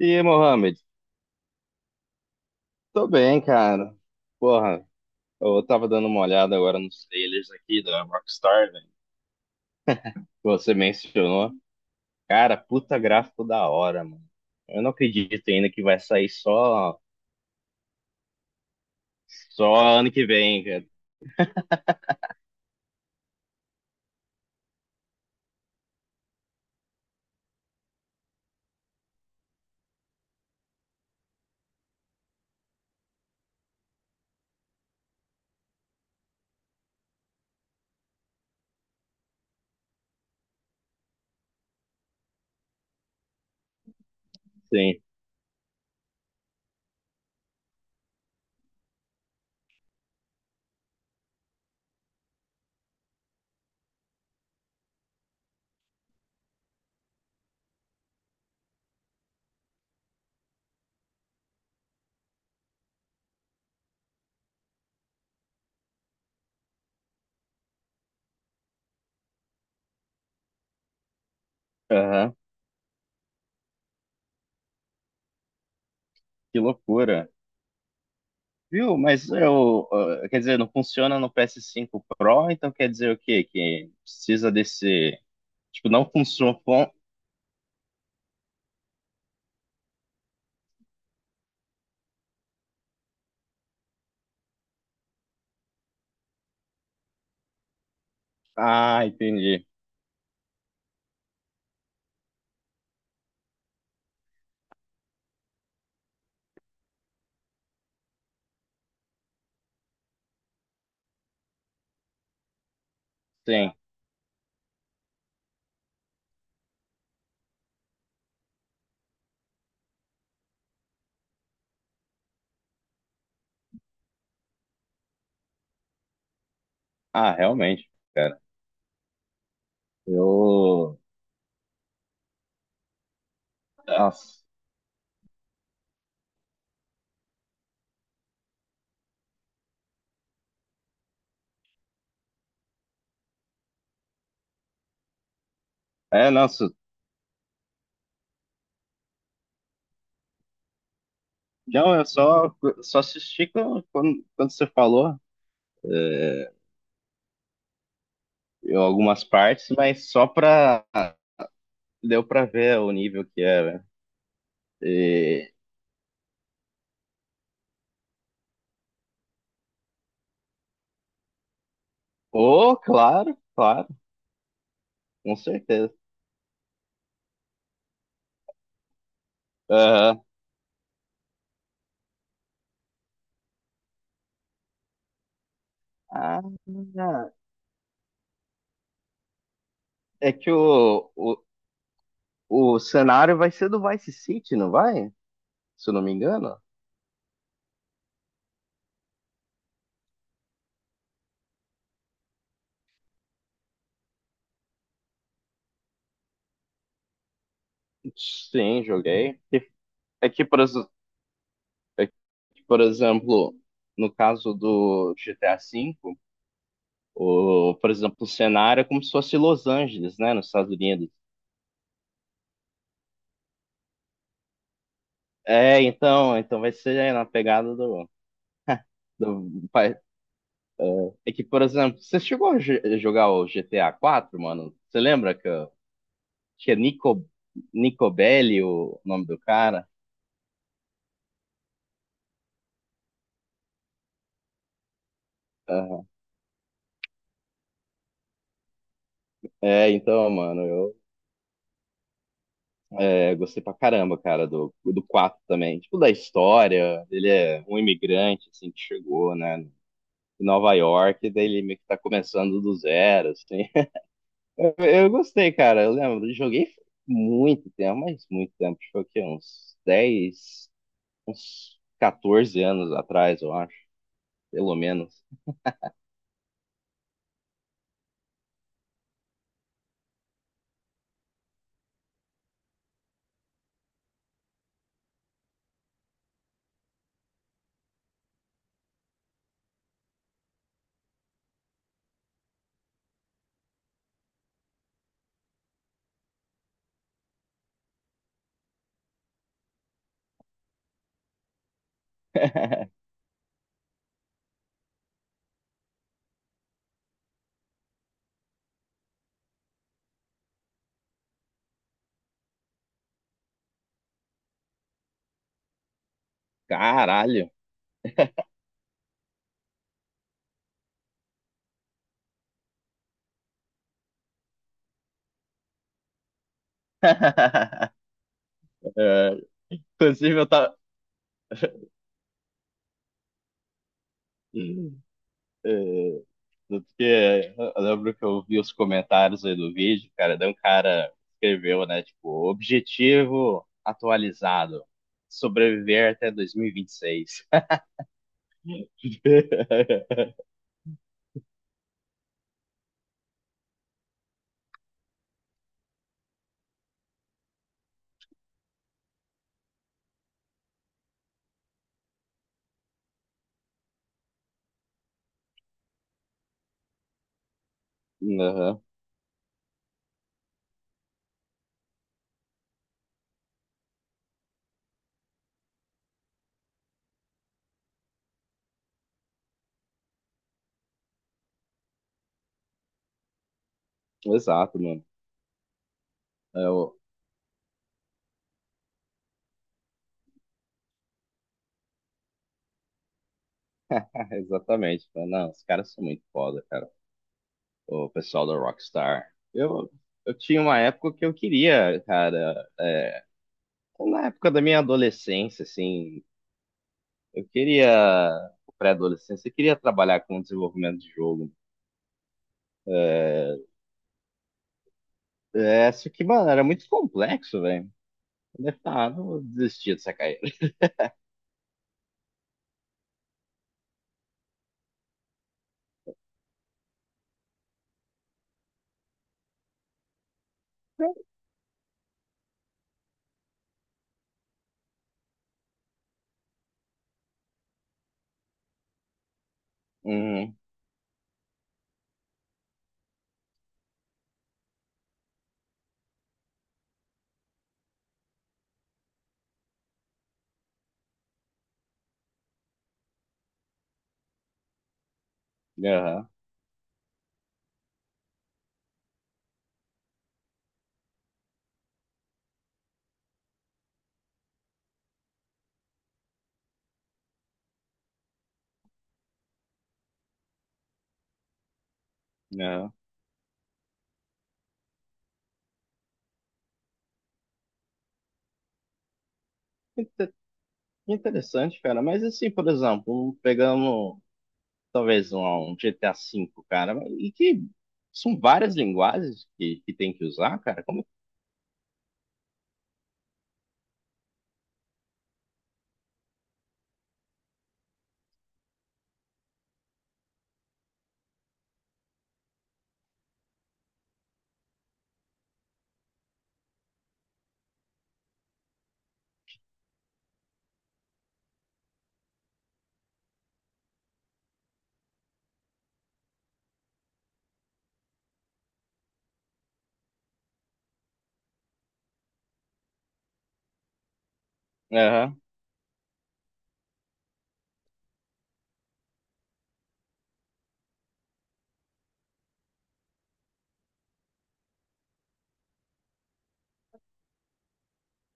E aí, Mohamed? Tô bem, cara. Porra, eu tava dando uma olhada agora nos trailers aqui da Rockstar, velho, que você mencionou. Cara, puta gráfico da hora, mano. Eu não acredito ainda que vai sair só ano que vem, cara. Sim. Aham. Que loucura. Viu? Mas eu, ah, quer dizer, não funciona no ps cinco Pro, então quer dizer o quê? Que precisa desse, tipo, não funciona. Ah, entendi. Sim. Ah, realmente, cara. Eu nossa. É, nossa. Não, eu só assisti quando, quando você falou é, algumas partes, mas só pra. Deu pra ver o nível que é, velho. E- Oh, claro, claro, com certeza. Aham. Ah, é que o cenário vai ser do Vice City, não vai? Se eu não me engano. Sim, joguei. É que, é que, por exemplo, no caso do GTA V. O, por exemplo, o cenário é como se fosse Los Angeles, né, nos Estados Unidos. É, então, então vai ser na pegada do É que, por exemplo, você chegou a jogar o GTA 4, mano? Você lembra que é Nico, Nico Belli o nome do cara? Aham. É, então, mano, eu gostei pra caramba, cara, do 4 também. Tipo, da história, ele é um imigrante, assim, que chegou, né, em Nova York, e daí ele meio que tá começando do zero, assim. Eu gostei, cara. Eu lembro, joguei muito tempo, mas muito tempo. Acho que foi o quê? Uns 10, uns 14 anos atrás, eu acho. Pelo menos. Caralho. É, inclusive, eu tava. É, tanto que eu lembro que eu vi os comentários aí do vídeo, cara. Daí um cara escreveu, né? Tipo, objetivo atualizado: sobreviver até 2026. Aham. Exato. Eu... Exatamente. Falei, não, os caras são muito foda, cara. O pessoal da Rockstar. Eu tinha uma época que eu queria, cara. Na época da minha adolescência, assim, eu queria, pré-adolescência, eu queria trabalhar com desenvolvimento de jogo. É, só que, mano, era muito complexo, velho. Eu falei, ah, não vou desistir dessa carreira. Uhum. Aham, aham. Inte- Interessante, cara. Mas assim, por exemplo, pegando talvez um GTA V, cara, e que são várias linguagens que tem que usar, cara. Como... Aham.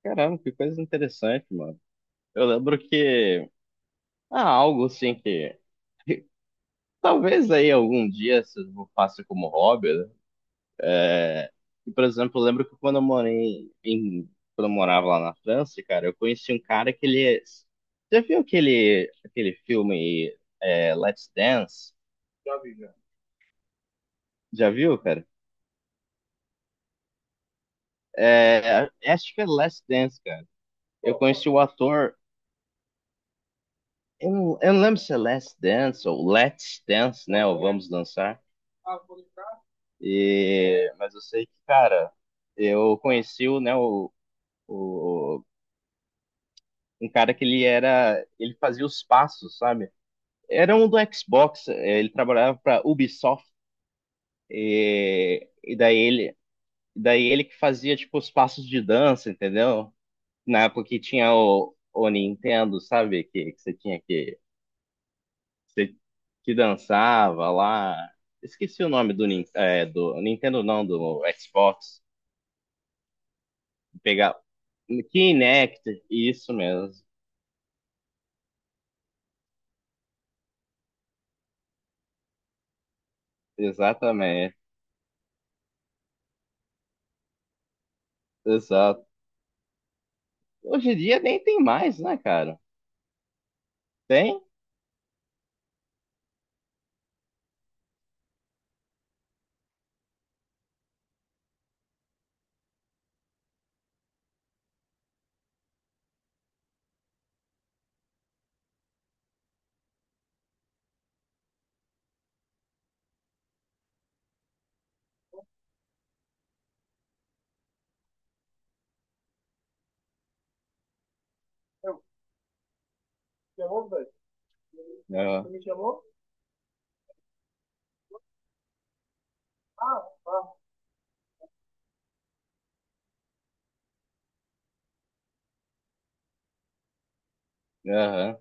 Caramba, que coisa interessante, mano. Eu lembro que ah, algo assim que talvez aí algum dia se eu faça como hobby, né? E, por exemplo, eu lembro que quando eu morei em quando eu morava lá na França, cara, eu conheci um cara que ele é, já viu aquele filme Let's Dance? Já vi, já. Já viu, cara? É, acho que é Let's Dance, cara. Eu conheci o ator, eu não lembro se é Last Dance ou Let's Dance, né? Ou Vamos Dançar. E, mas eu sei que, cara, eu conheci o, né, o, um cara que ele era, ele fazia os passos, sabe? Era um do Xbox, ele trabalhava para Ubisoft e daí daí ele que fazia tipo os passos de dança, entendeu? Na época que tinha o Nintendo, sabe? Que você tinha que você que dançava lá. Esqueci o nome do, do Nintendo, não, do Xbox. Pegar Kinect, isso mesmo. Exatamente. Exato. Hoje em dia nem tem mais, né, cara? Tem? Eu, chamou, velho? Aham. Você me chamou? Ah, tá. Aham.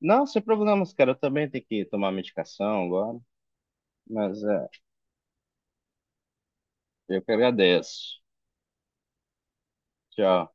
Não, sem problemas, cara. Eu também tenho que tomar medicação agora. Mas é, eu que agradeço. Tchau.